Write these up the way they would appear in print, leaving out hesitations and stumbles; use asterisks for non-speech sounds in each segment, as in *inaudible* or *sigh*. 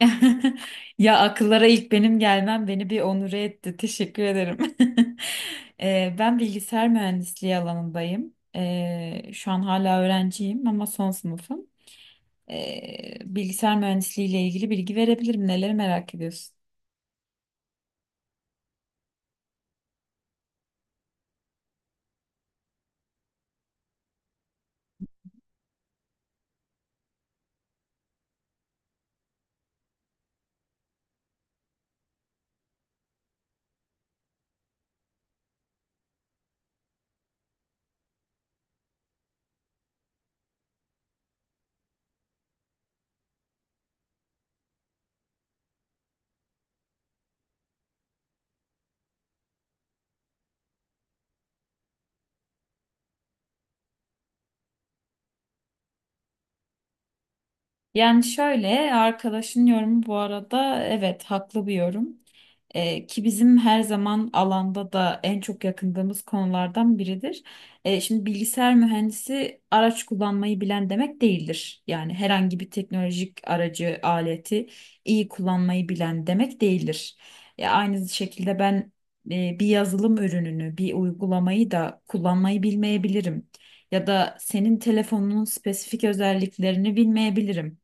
*laughs* Ya akıllara ilk benim gelmem beni bir onure etti. Teşekkür ederim. *laughs* Ben bilgisayar mühendisliği alanındayım. Şu an hala öğrenciyim ama son sınıfım. Bilgisayar mühendisliği ile ilgili bilgi verebilirim. Neleri merak ediyorsun? Yani şöyle, arkadaşın yorumu bu arada evet, haklı bir yorum. Ki bizim her zaman alanda da en çok yakındığımız konulardan biridir. Şimdi bilgisayar mühendisi araç kullanmayı bilen demek değildir. Yani herhangi bir teknolojik aracı, aleti iyi kullanmayı bilen demek değildir. Ya aynı şekilde ben bir yazılım ürününü, bir uygulamayı da kullanmayı bilmeyebilirim. Ya da senin telefonunun spesifik özelliklerini bilmeyebilirim.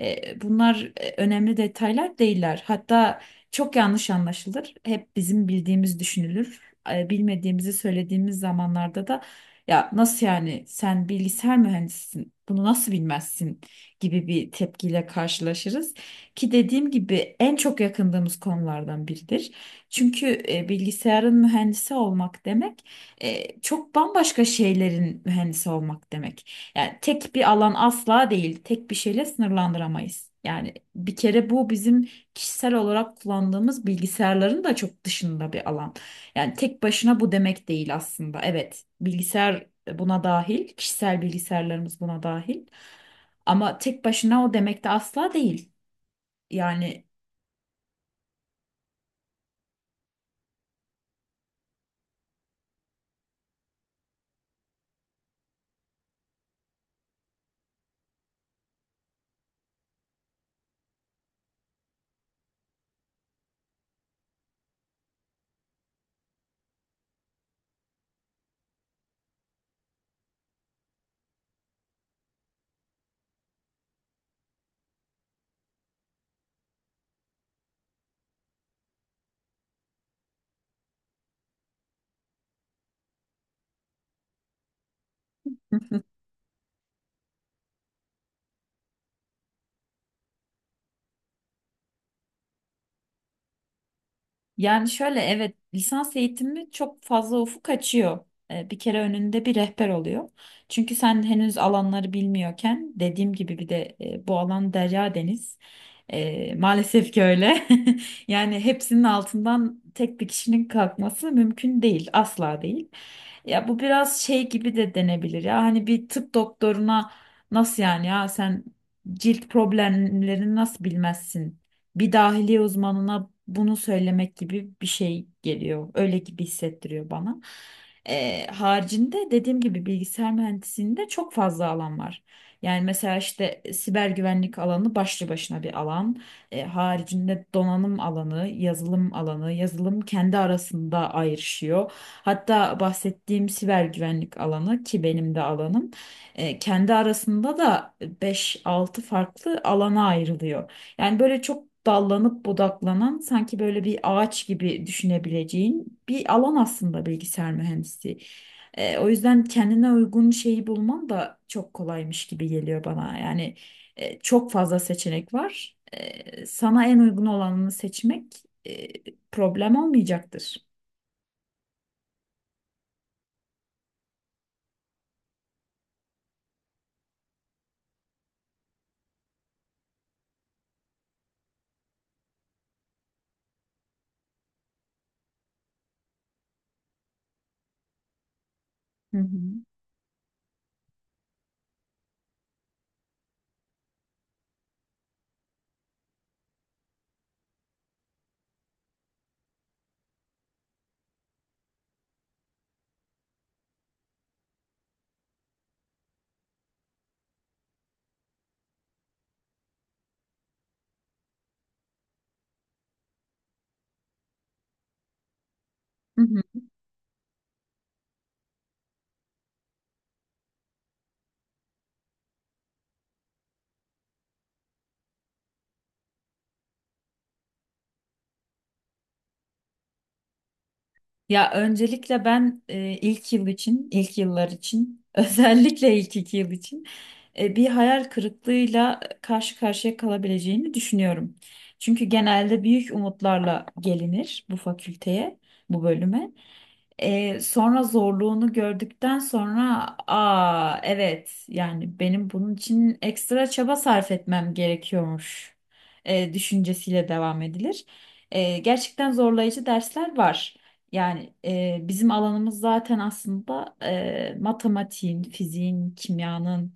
Bunlar önemli detaylar değiller. Hatta çok yanlış anlaşılır. Hep bizim bildiğimiz düşünülür. Bilmediğimizi söylediğimiz zamanlarda da ya nasıl yani, sen bilgisayar mühendisisin, bunu nasıl bilmezsin gibi bir tepkiyle karşılaşırız. Ki dediğim gibi en çok yakındığımız konulardan biridir. Çünkü bilgisayarın mühendisi olmak demek çok bambaşka şeylerin mühendisi olmak demek. Yani tek bir alan asla değil. Tek bir şeyle sınırlandıramayız. Yani bir kere bu, bizim kişisel olarak kullandığımız bilgisayarların da çok dışında bir alan. Yani tek başına bu demek değil aslında. Evet, bilgisayar buna dahil, kişisel bilgisayarlarımız buna dahil. Ama tek başına o demek de asla değil. Yani yani şöyle, evet, lisans eğitimi çok fazla ufuk açıyor. Bir kere önünde bir rehber oluyor. Çünkü sen henüz alanları bilmiyorken, dediğim gibi bir de bu alan derya deniz. Maalesef ki öyle. *laughs* Yani hepsinin altından tek bir kişinin kalkması mümkün değil, asla değil. Ya bu biraz şey gibi de denebilir ya. Hani bir tıp doktoruna nasıl yani ya sen cilt problemlerini nasıl bilmezsin, bir dahiliye uzmanına bunu söylemek gibi bir şey geliyor. Öyle gibi hissettiriyor bana. Haricinde dediğim gibi bilgisayar mühendisliğinde çok fazla alan var. Yani mesela işte siber güvenlik alanı başlı başına bir alan. Haricinde donanım alanı, yazılım alanı, yazılım kendi arasında ayrışıyor. Hatta bahsettiğim siber güvenlik alanı, ki benim de alanım, kendi arasında da beş altı farklı alana ayrılıyor. Yani böyle çok dallanıp budaklanan, sanki böyle bir ağaç gibi düşünebileceğin bir alan aslında bilgisayar mühendisliği. O yüzden kendine uygun şeyi bulman da çok kolaymış gibi geliyor bana. Yani çok fazla seçenek var. Sana en uygun olanını seçmek e, problem olmayacaktır. Hı hı. Hı hı. Ya öncelikle ben ilk yıl için, ilk yıllar için, *laughs* özellikle ilk iki yıl için bir hayal kırıklığıyla karşı karşıya kalabileceğini düşünüyorum. Çünkü genelde büyük umutlarla gelinir bu fakülteye, bu bölüme. Sonra zorluğunu gördükten sonra, aa evet, yani benim bunun için ekstra çaba sarf etmem gerekiyormuş düşüncesiyle devam edilir. Gerçekten zorlayıcı dersler var. Yani bizim alanımız zaten aslında matematiğin, fiziğin, kimyanın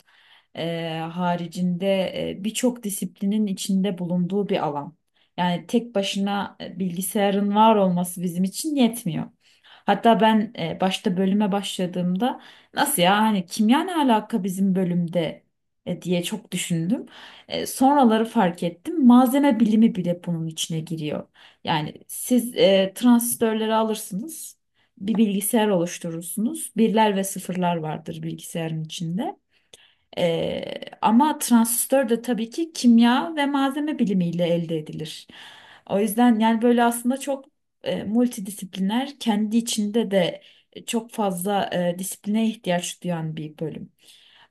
haricinde birçok disiplinin içinde bulunduğu bir alan. Yani tek başına bilgisayarın var olması bizim için yetmiyor. Hatta ben başta bölüme başladığımda, nasıl ya, hani kimya ne alaka bizim bölümde, diye çok düşündüm. Sonraları fark ettim. Malzeme bilimi bile bunun içine giriyor. Yani siz transistörleri alırsınız. Bir bilgisayar oluşturursunuz. Birler ve sıfırlar vardır bilgisayarın içinde. Ee, Ama transistör de tabii ki kimya ve malzeme bilimiyle elde edilir. O yüzden, yani böyle aslında çok multidisipliner, kendi içinde de çok fazla disipline ihtiyaç duyan bir bölüm.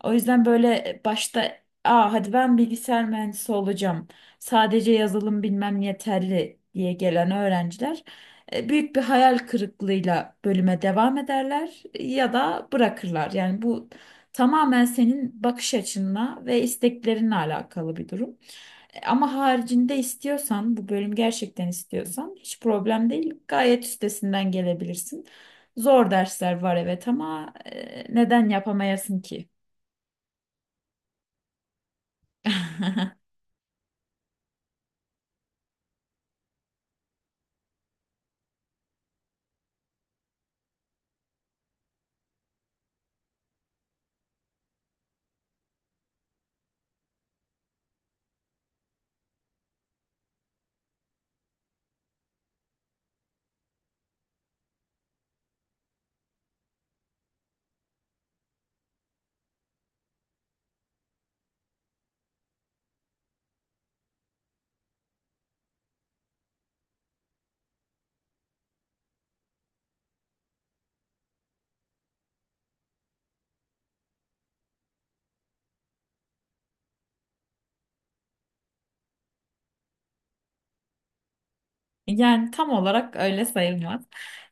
O yüzden böyle başta, aa, hadi ben bilgisayar mühendisi olacağım, sadece yazılım bilmem yeterli diye gelen öğrenciler büyük bir hayal kırıklığıyla bölüme devam ederler ya da bırakırlar. Yani bu tamamen senin bakış açınla ve isteklerinle alakalı bir durum. E, ama haricinde istiyorsan, bu bölüm gerçekten istiyorsan, hiç problem değil. Gayet üstesinden gelebilirsin. Zor dersler var evet, ama neden yapamayasın ki? *laughs* Yani tam olarak öyle sayılmaz.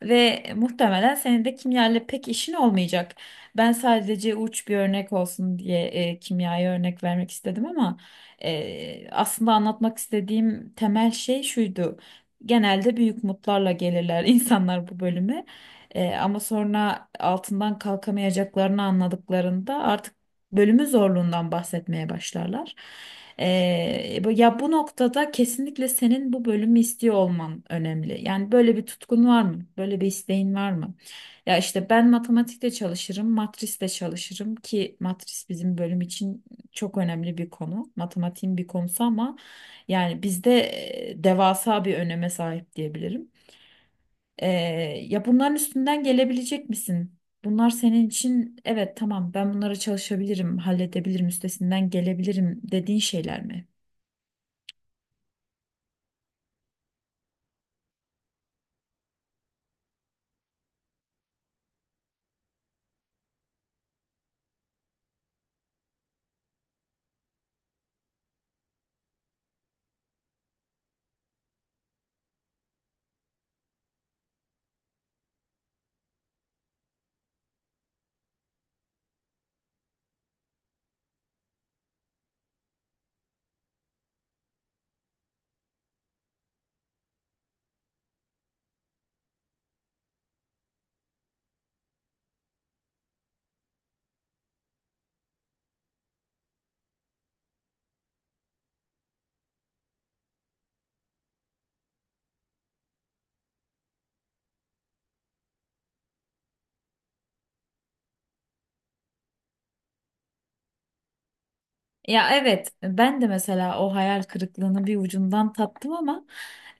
Ve muhtemelen senin de kimyayla pek işin olmayacak. Ben sadece uç bir örnek olsun diye kimyaya örnek vermek istedim, ama aslında anlatmak istediğim temel şey şuydu. Genelde büyük umutlarla gelirler *laughs* insanlar bu bölüme. E, ama sonra altından kalkamayacaklarını anladıklarında artık bölümü zorluğundan bahsetmeye başlarlar. Ya bu noktada kesinlikle senin bu bölümü istiyor olman önemli. Yani böyle bir tutkun var mı? Böyle bir isteğin var mı? Ya işte ben matematikte çalışırım, matrisle çalışırım, ki matris bizim bölüm için çok önemli bir konu. Matematiğin bir konusu ama yani bizde devasa bir öneme sahip diyebilirim. Ee, Ya bunların üstünden gelebilecek misin? Bunlar senin için, evet tamam ben bunlara çalışabilirim, halledebilirim, üstesinden gelebilirim dediğin şeyler mi? Ya evet, ben de mesela o hayal kırıklığını bir ucundan tattım, ama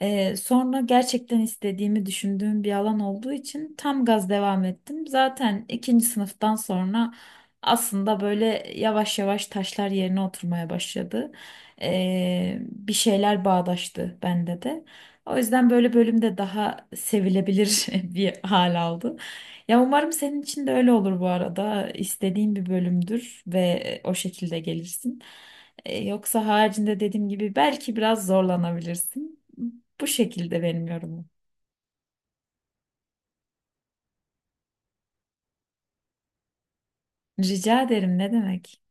sonra gerçekten istediğimi düşündüğüm bir alan olduğu için tam gaz devam ettim. Zaten ikinci sınıftan sonra aslında böyle yavaş yavaş taşlar yerine oturmaya başladı. Bir şeyler bağdaştı bende de. O yüzden böyle bölümde daha sevilebilir *laughs* bir hal aldı. Ya umarım senin için de öyle olur bu arada. İstediğin bir bölümdür ve o şekilde gelirsin. Yoksa haricinde dediğim gibi belki biraz zorlanabilirsin. Bu şekilde benim yorumum. Rica ederim, ne demek?